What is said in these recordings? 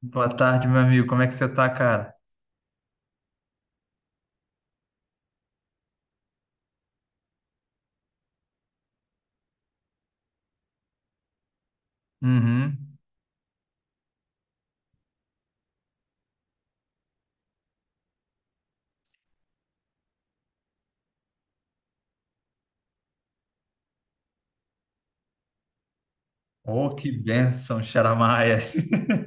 Boa tarde, meu amigo. Como é que você tá, cara? Uhum. Oh, que bênção, Xaramaia.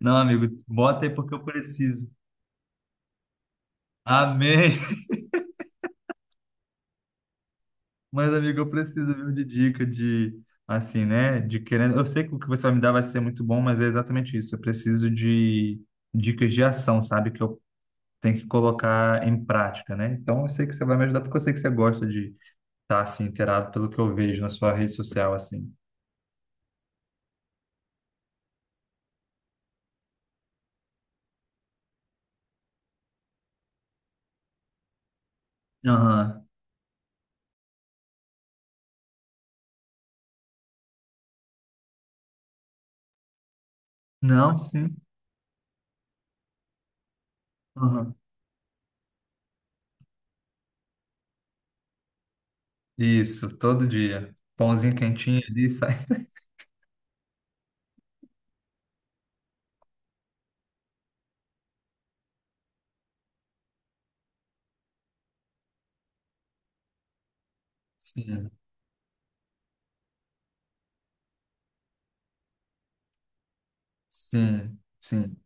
Não, amigo, bota aí porque eu preciso. Amém. Mas, amigo, eu preciso viu, de dica de, assim, né? De querendo. Eu sei que o que você vai me dar vai ser muito bom, mas é exatamente isso. Eu preciso de dicas de ação, sabe? Que eu tenho que colocar em prática, né? Então, eu sei que você vai me ajudar porque eu sei que você gosta de estar, assim, inteirado pelo que eu vejo na sua rede social, assim. Aham. Não, sim. Aham. Isso, todo dia. Pãozinho quentinho ali, sai. Sim, sim, sim.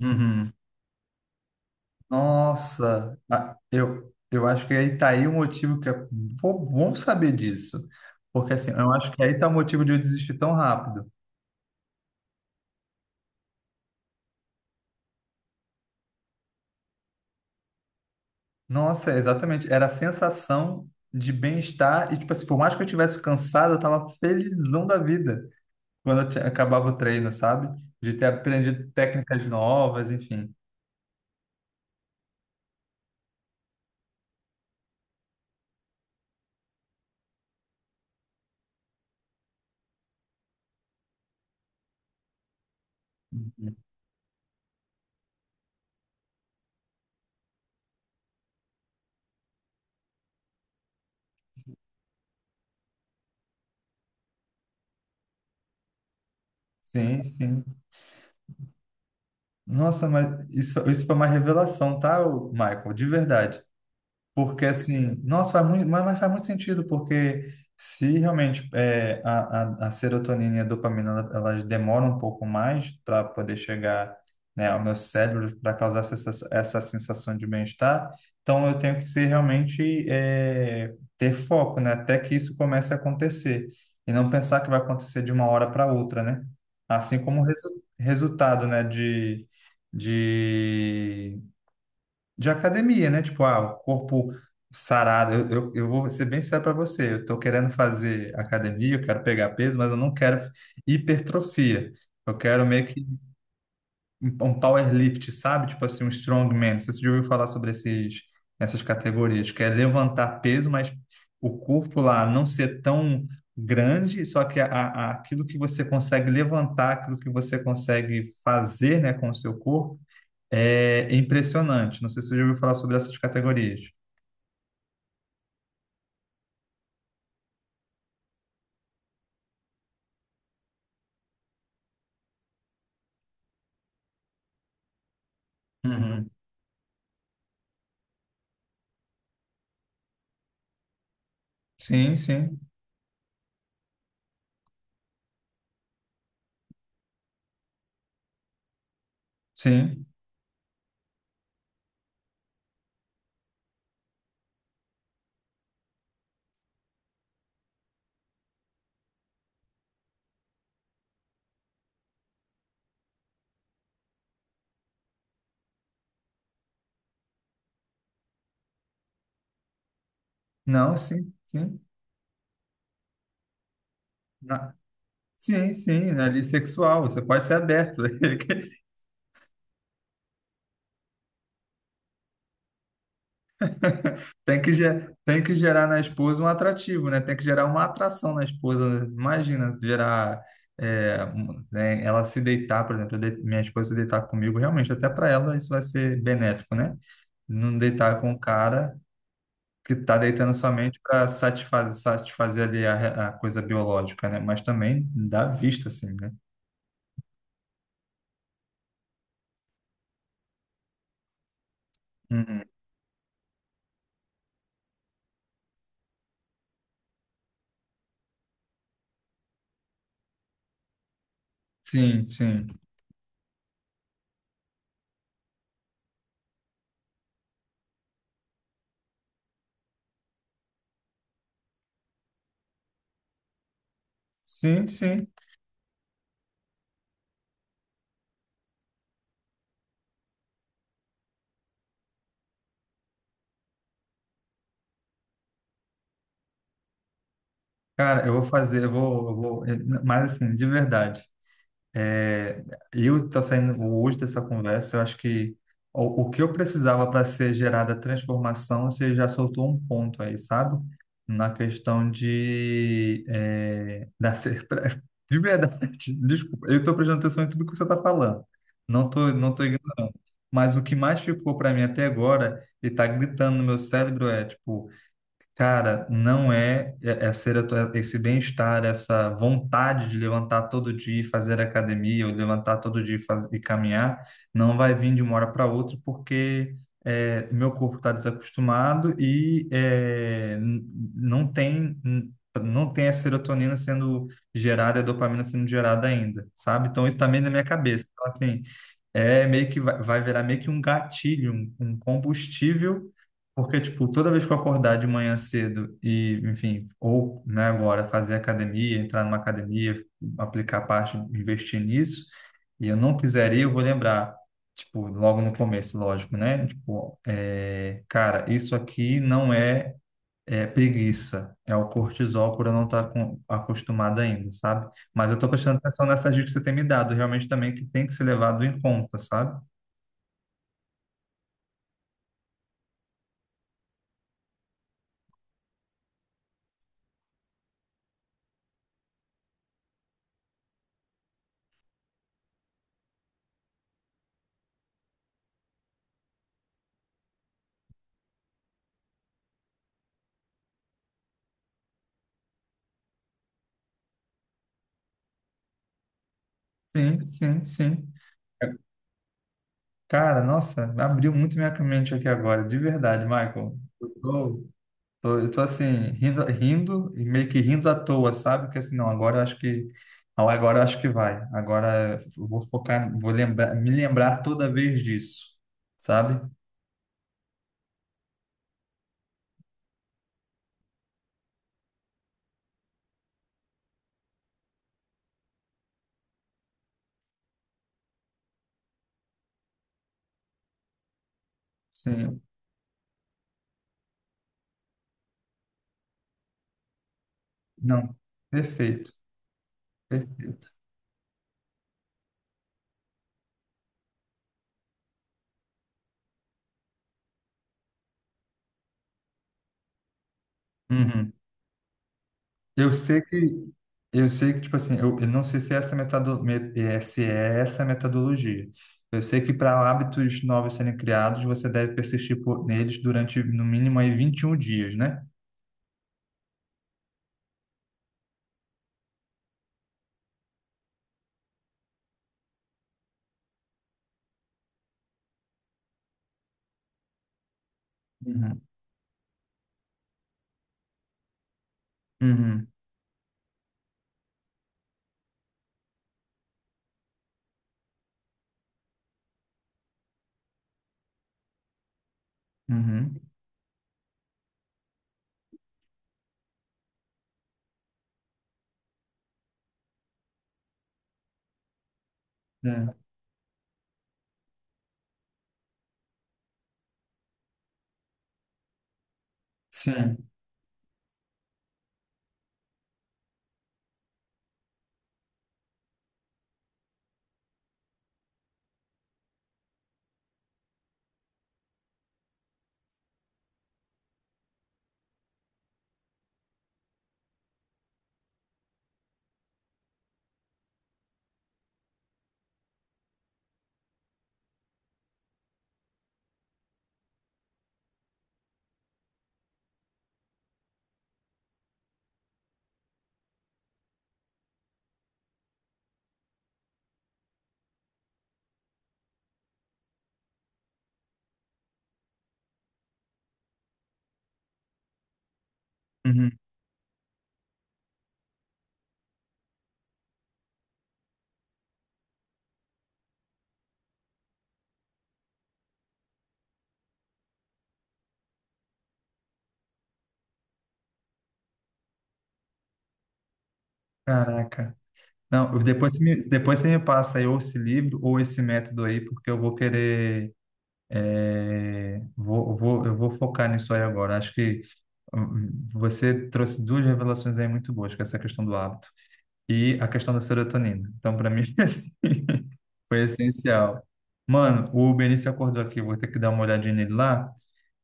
Uhum. Nossa, ah, eu acho que aí tá aí o motivo que é bom saber disso. Porque assim, eu acho que aí tá o motivo de eu desistir tão rápido. Nossa, é exatamente. Era a sensação de bem-estar e, tipo assim, por mais que eu estivesse cansado, eu tava felizão da vida quando acabava o treino, sabe? De ter aprendido técnicas novas, enfim. Sim, sim. Nossa, mas isso foi uma revelação, tá, ô, Michael? De verdade. Porque assim, nossa, faz muito, mas faz muito sentido, porque se realmente é, a serotonina e a dopamina elas demoram um pouco mais para poder chegar, né, ao meu cérebro para causar essa sensação de bem-estar, então eu tenho que ser realmente ter foco, né, até que isso comece a acontecer e não pensar que vai acontecer de uma hora para outra, né? Assim como o resultado, né, de, de de academia, né? Tipo, ah, o corpo sarado. Eu vou ser bem sério para você. Eu tô querendo fazer academia, eu quero pegar peso, mas eu não quero hipertrofia. Eu quero meio que um powerlift, sabe? Tipo assim, um strongman. Não sei se você já ouviu falar sobre essas categorias, que é levantar peso, mas o corpo lá não ser tão grande, só que aquilo que você consegue levantar, aquilo que você consegue fazer, né, com o seu corpo é impressionante. Não sei se você já ouviu falar sobre essas categorias. Uhum. Sim, sim, sim. Não, sim, sim. Na- Sim, sim, né? Ali sexual. Você pode ser aberto. Tem que gerar na esposa um atrativo, né? Tem que gerar uma atração na esposa, né? Imagina, gerar. Né? Ela se deitar, por exemplo, minha esposa se deitar comigo, realmente, até para ela isso vai ser benéfico, né? Não deitar com o cara que está deitando somente para satisfazer ali a coisa biológica, né? Mas também dá vista, assim, né? Uhum. Sim, sim. Sim, sim. Cara, eu vou fazer, mas assim, de verdade. É, eu tô saindo hoje dessa conversa, eu acho que o que eu precisava para ser gerada a transformação, você já soltou um ponto aí, sabe? Na questão de de verdade, desculpa, eu estou prestando atenção em tudo que você está falando. Não tô ignorando. Mas o que mais ficou para mim até agora e está gritando no meu cérebro é tipo: cara, não esse bem-estar, essa vontade de levantar todo dia e fazer academia, ou levantar todo dia e caminhar, não vai vir de uma hora para outra, porque meu corpo está desacostumado e não tem n- não tem a serotonina sendo gerada, a dopamina sendo gerada ainda, sabe? Então isso também na minha cabeça. Então assim, é meio que vai virar meio que um gatilho, um combustível porque, tipo, toda vez que eu acordar de manhã cedo e, enfim, ou, né, agora fazer academia, entrar numa academia, aplicar parte, investir nisso, e eu não quiser ir, eu vou lembrar, tipo, logo no começo, lógico, né? Tipo, cara, isso aqui não é preguiça, é o cortisol por eu não estar com, acostumado ainda, sabe? Mas eu tô prestando atenção nessas dicas que você tem me dado, realmente também que tem que ser levado em conta, sabe? Sim, sim, sim. Cara, nossa, abriu muito minha mente aqui agora, de verdade, Michael. Eu tô assim, rindo, rindo e meio que rindo à toa, sabe? Porque assim, não, agora eu acho que vai. Agora eu vou focar, vou lembrar, me lembrar toda vez disso, sabe? Sim, não, perfeito, perfeito. Uhum. Eu sei que eu sei que tipo assim, eu não sei se é essa se é essa metodologia. Eu sei que para hábitos novos serem criados, você deve persistir neles durante no mínimo aí 21 dias, né? Uhum. Uhum. Uhum. É. Sim. Uhum. Caraca. Não, depois você me passa aí ou esse livro ou esse método aí, porque eu vou querer. É, eu vou focar nisso aí agora. Acho que você trouxe duas revelações aí muito boas, que é essa questão do hábito e a questão da serotonina. Então, para mim, assim, foi essencial. Mano, o Benício acordou aqui, eu vou ter que dar uma olhadinha nele lá,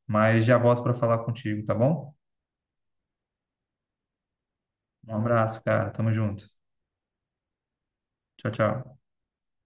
mas já volto para falar contigo, tá bom? Um abraço, cara. Tamo junto. Tchau, tchau.